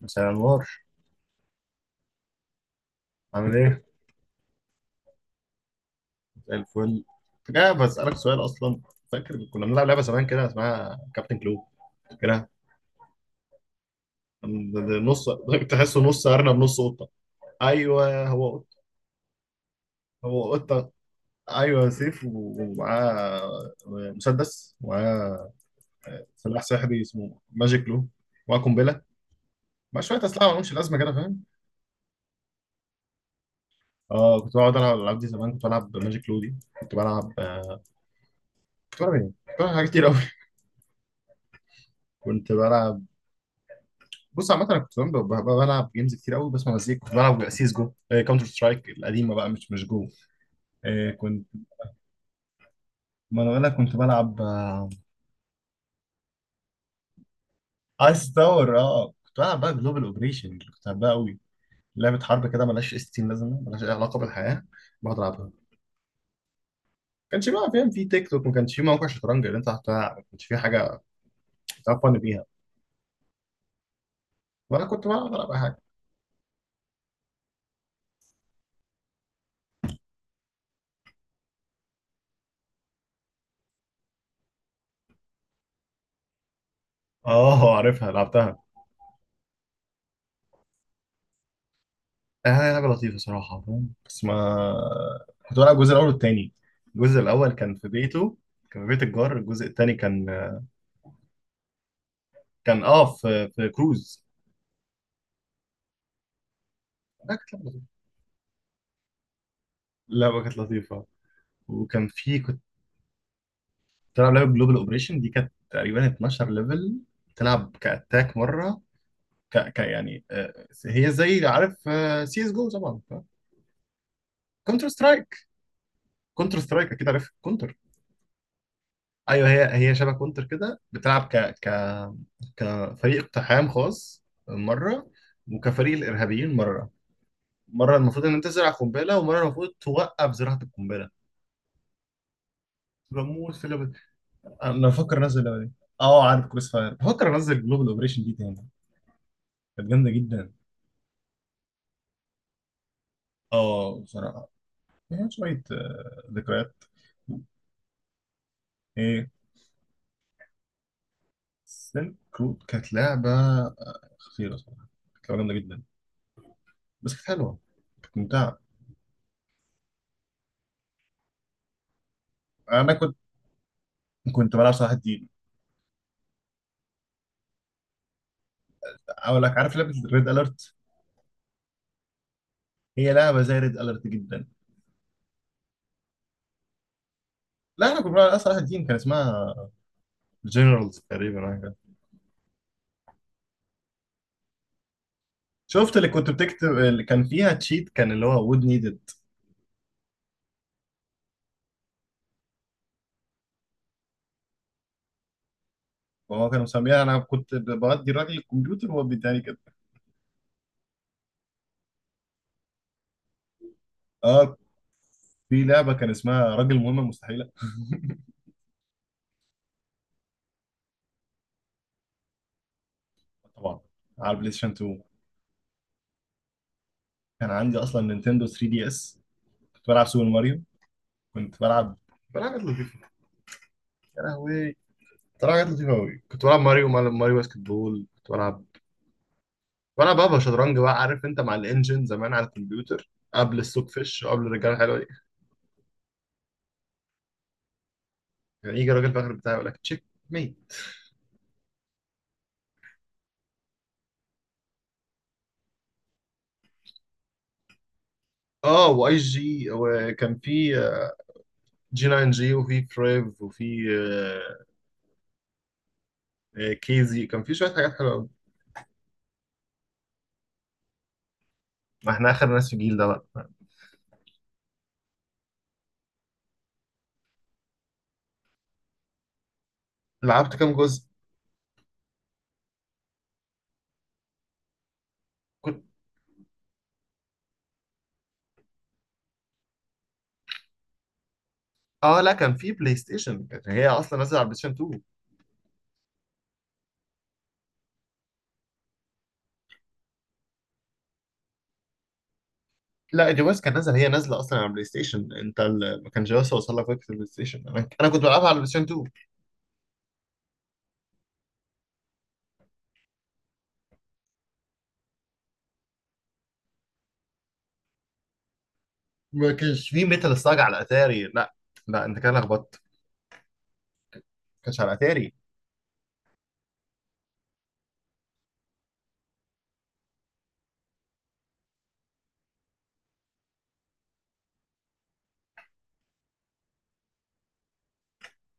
مساء النور. عامل ايه؟ زي الفل. كنت جاي بسألك سؤال اصلا. فاكر كنا بنلعب لعبة زمان كده اسمها كابتن كلو كده. نص تحسه نص ارنب نص قطة. ايوه هو قطة. هو قطة. ايوه سيف ومعاه مسدس، ومعاه سلاح سحري اسمه ماجيك كلو، ومعاه قنبلة، مع شوية أسلحة مالهمش لازمة كده، فاهم؟ اه كنت بقعد ألعب الألعاب دي زمان، كنت بلعب ماجيك كلو دي. كنت بلعب، كنت بلعب ايه؟ كنت بلعب حاجات كتير أوي. كنت بلعب. بص عامة أنا كنت بلعب، بلعب جيمز كتير قوي، بسمع مزيكا. كنت بلعب سيس جو، كاونتر سترايك القديمة بقى، مش جو. آه، كنت ما أنا بقول لك كنت بلعب. ايس تاور. اه كنت بلعب بقى جلوبال اوبريشن، كنت بحبها قوي. لعبة حرب كده ملهاش اس 60 لازمة، ملهاش أي علاقة بالحياة. بقعد ألعبها. ما كانش بقى، فاهم، في تيك توك، ما كانش في موقع شطرنج اللي أنت هتلعب، ما كانش في حاجة تعرف فن بيها، ولا كنت بلعب، ألعب أي حاجة. اه عارفها، لعبتها. حاجة لطيفة صراحة فاهم، بس ما كنت بلعب الجزء الاول والتاني. الجزء الاول كان في بيته، كان في بيت الجار. الجزء التاني كان في كروز. لا، كانت لعبة لطيفة. اللعبة كانت لطيفة. وكان في كنت بلعب لعبة جلوبال اوبريشن دي، كانت تقريبا 12 ليفل. تلعب كاتاك مرة. يعني هي زي، عارف، سي اس جو طبعا. كونتر سترايك. كونتر سترايك اكيد عارف. ايوه هي شبه كونتر كده. بتلعب ك ك كفريق اقتحام خاص مره، وكفريق الارهابيين مره. مره المفروض ان انت تزرع قنبله، ومره المفروض توقف زراعه القنبله. بموت في اللعبه دي. انا بفكر انزل اللعبه دي. اه عارف كروس فاير، بفكر انزل جلوبال اوبريشن دي تاني. كانت جامده جدا. اه بصراحه فيها شويه ذكريات. ايه سيلك رود. كانت لعبه خطيره صراحه. كانت لعبه جامده جدا. بس كانت حلوه، كانت ممتعه. انا كنت، كنت بلعب صراحه. اقول لك، عارف لعبه ريد اليرت؟ هي لعبه زي ريد اليرت جدا. لا، احنا كنا بنلعب اصلا واحد تيم، كان اسمها جنرالز تقريبا، حاجة كده. شفت اللي كنت بتكتب اللي كان فيها تشيت، كان اللي هو وود نيدد. وهو كان مسميها، انا كنت بودي الراجل الكمبيوتر وهو بيداني كده. اه في لعبه كان اسمها راجل مهمه مستحيله. طبعا. على البلاي ستيشن 2 كان عندي اصلا نينتندو 3 دي اس. كنت بلعب سوبر ماريو. كنت بلعب، بلعب حاجات لطيفه. يا لهوي. كنت بلعب حاجات لطيفه قوي، كنت بلعب ماريو، ماريو باسكت بول. كنت بلعب، وانا بابا شطرنج بقى، عارف انت، مع الانجن زمان على الكمبيوتر، قبل السوق فيش وقبل الرجاله الحلوه دي. يعني يجي راجل فاخر بتاعي يقول لك تشيك ميت. اه واي جي، وكان في جي 9 جي، وفي بريف، وفي كيزي، كان في شويه حاجات حلوه قوي. ما احنا اخر ناس في الجيل ده بقى. لعبت كام جزء؟ كنت. اه لا، كان في بلاي ستيشن، كانت هي اصلا نازله على بلاي ستيشن 2. لا، دي بس كان نازل، هي نازله اصلا على بلاي ستيشن. انت ما كانش لسه وصل لك فكره البلاي ستيشن، انا كنت بلعبها على بلاي ستيشن 2. ما كانش فيه ميتال سلاج على اتاري. لا لا، انت كده لخبطت. ما كانش على اتاري.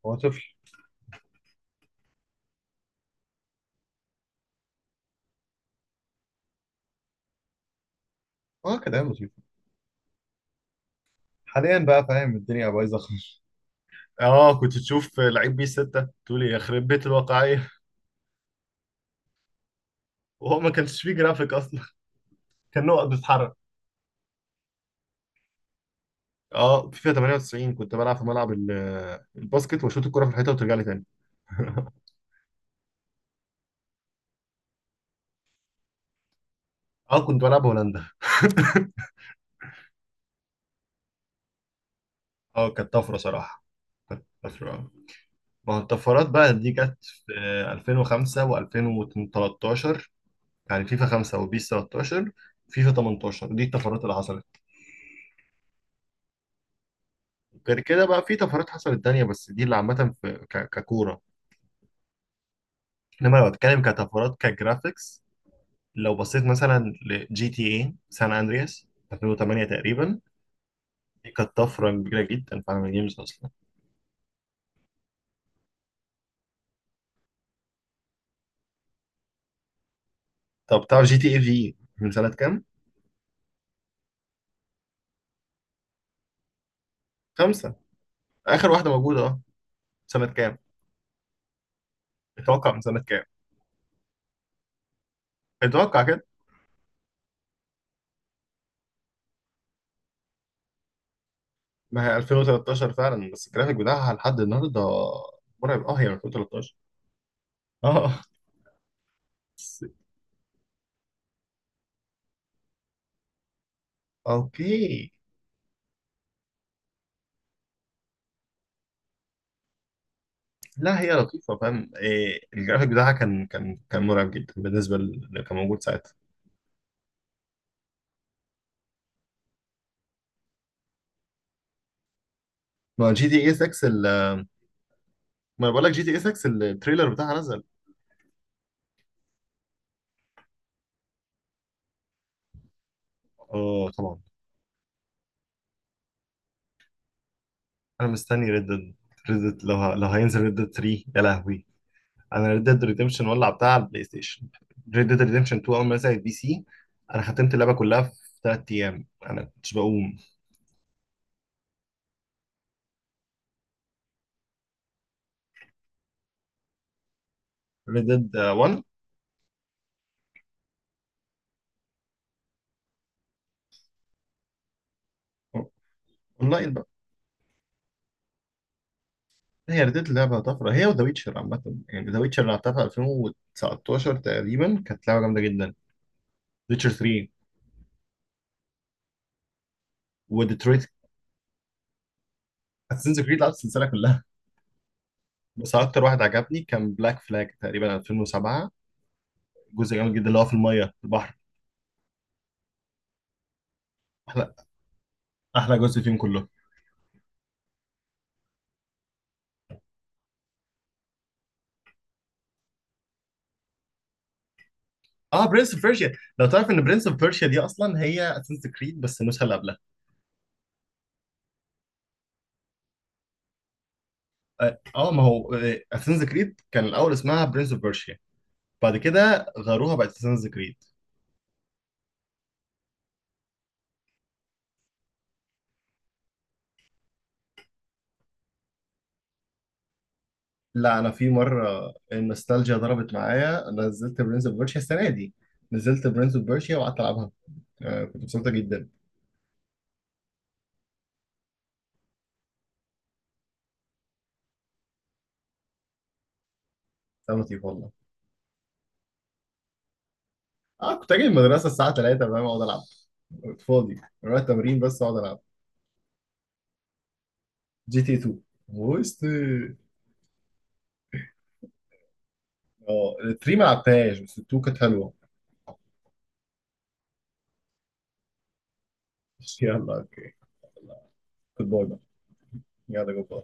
هو طفل. اه كده ايام لطيفه. حاليا بقى، فاهم، الدنيا بايظه خالص. اه كنت تشوف لعيب بي 6 تقول يا خرب بيت الواقعيه. وهو ما كانش فيه جرافيك اصلا، كان نقط بتتحرك. اه فيفا 98، كنت بلعب في ملعب الباسكت واشوط الكره في الحيطه وترجع لي تاني. اه كنت بلعب هولندا. اه كانت طفره صراحه، كانت طفره. ما هو الطفرات بقى دي جت في 2005 و2013، يعني فيفا 5 وبيس 13، فيفا 18. دي الطفرات اللي حصلت. غير كده بقى في طفرات حصلت تانية، بس دي اللي عامة في ككورة. انما لو اتكلم كطفرات، كجرافيكس، لو بصيت مثلا لجي تي اي سان اندرياس 2008 تقريبا، دي كانت طفرة كبيرة جدا في عالم الجيمز اصلا. طب تعرف جي تي اي في من سنة كام؟ خمسة، اخر واحدة موجودة. اه سنة كام؟ اتوقع من سنة كام؟ اتوقع كده. ما هي 2013 فعلا، بس الجرافيك بتاعها لحد النهارده مرعب. اه هي 2013. اه اوكي. لا هي لطيفه، فاهم إيه، الجرافيك بتاعها كان مرعب جدا بالنسبه اللي كان موجود ساعتها. ما جي تي اي 6 ما أنا بقول لك جي تي اي 6 التريلر بتاعها نزل. اه طبعا. انا مستني ريد ديد. ريد ديد لو لو هينزل ريد ديد 3 يا لهوي. انا ريد ديد ريديمشن ولع بتاع على البلاي ستيشن. ريد ديد ريديمشن 2 اول ما نزل على البي سي، انا ختمت اللعبه كلها في 3 ايام. انا كنتش بقوم. ريد ديد 1 اونلاين. هي ردت اللعبة طفرة، هي وذا ويتشر عامة. يعني ذا ويتشر لعبتها في 2019 تقريبا، كانت لعبة جامدة جدا. ويتشر 3. وديترويت. اساسنز كريد، لعبت السلسلة كلها. بس أكتر واحد عجبني كان بلاك فلاج، تقريبا 2007. جزء جامد جدا اللي هو في المية في البحر. أحلى جزء فيهم كله. اه برنس اوف بيرشيا. لو تعرف ان برنس اوف بيرشيا دي اصلا هي اساسنز كريد، بس النسخه اللي قبلها. اه ما هو اساسنز كريد كان الاول اسمها برنس اوف بيرشيا، بعد كده غيروها بقت اساسنز كريد. لا، انا في مره النوستالجيا ضربت معايا نزلت برنس اوف بيرشيا السنه دي، نزلت برنس اوف بيرشيا وقعدت العبها. آه كنت مبسوطه جدا. كان لطيف والله. اه كنت اجي من المدرسه الساعه 3 فاهم اقعد العب. كنت فاضي، اروح التمرين بس اقعد العب. جي تي 2 وست. اه 3 ما لعبتهاش، بس 2 كانت حلوه. يلا اوكي. يلا. جود باي بقى. يلا جود باي.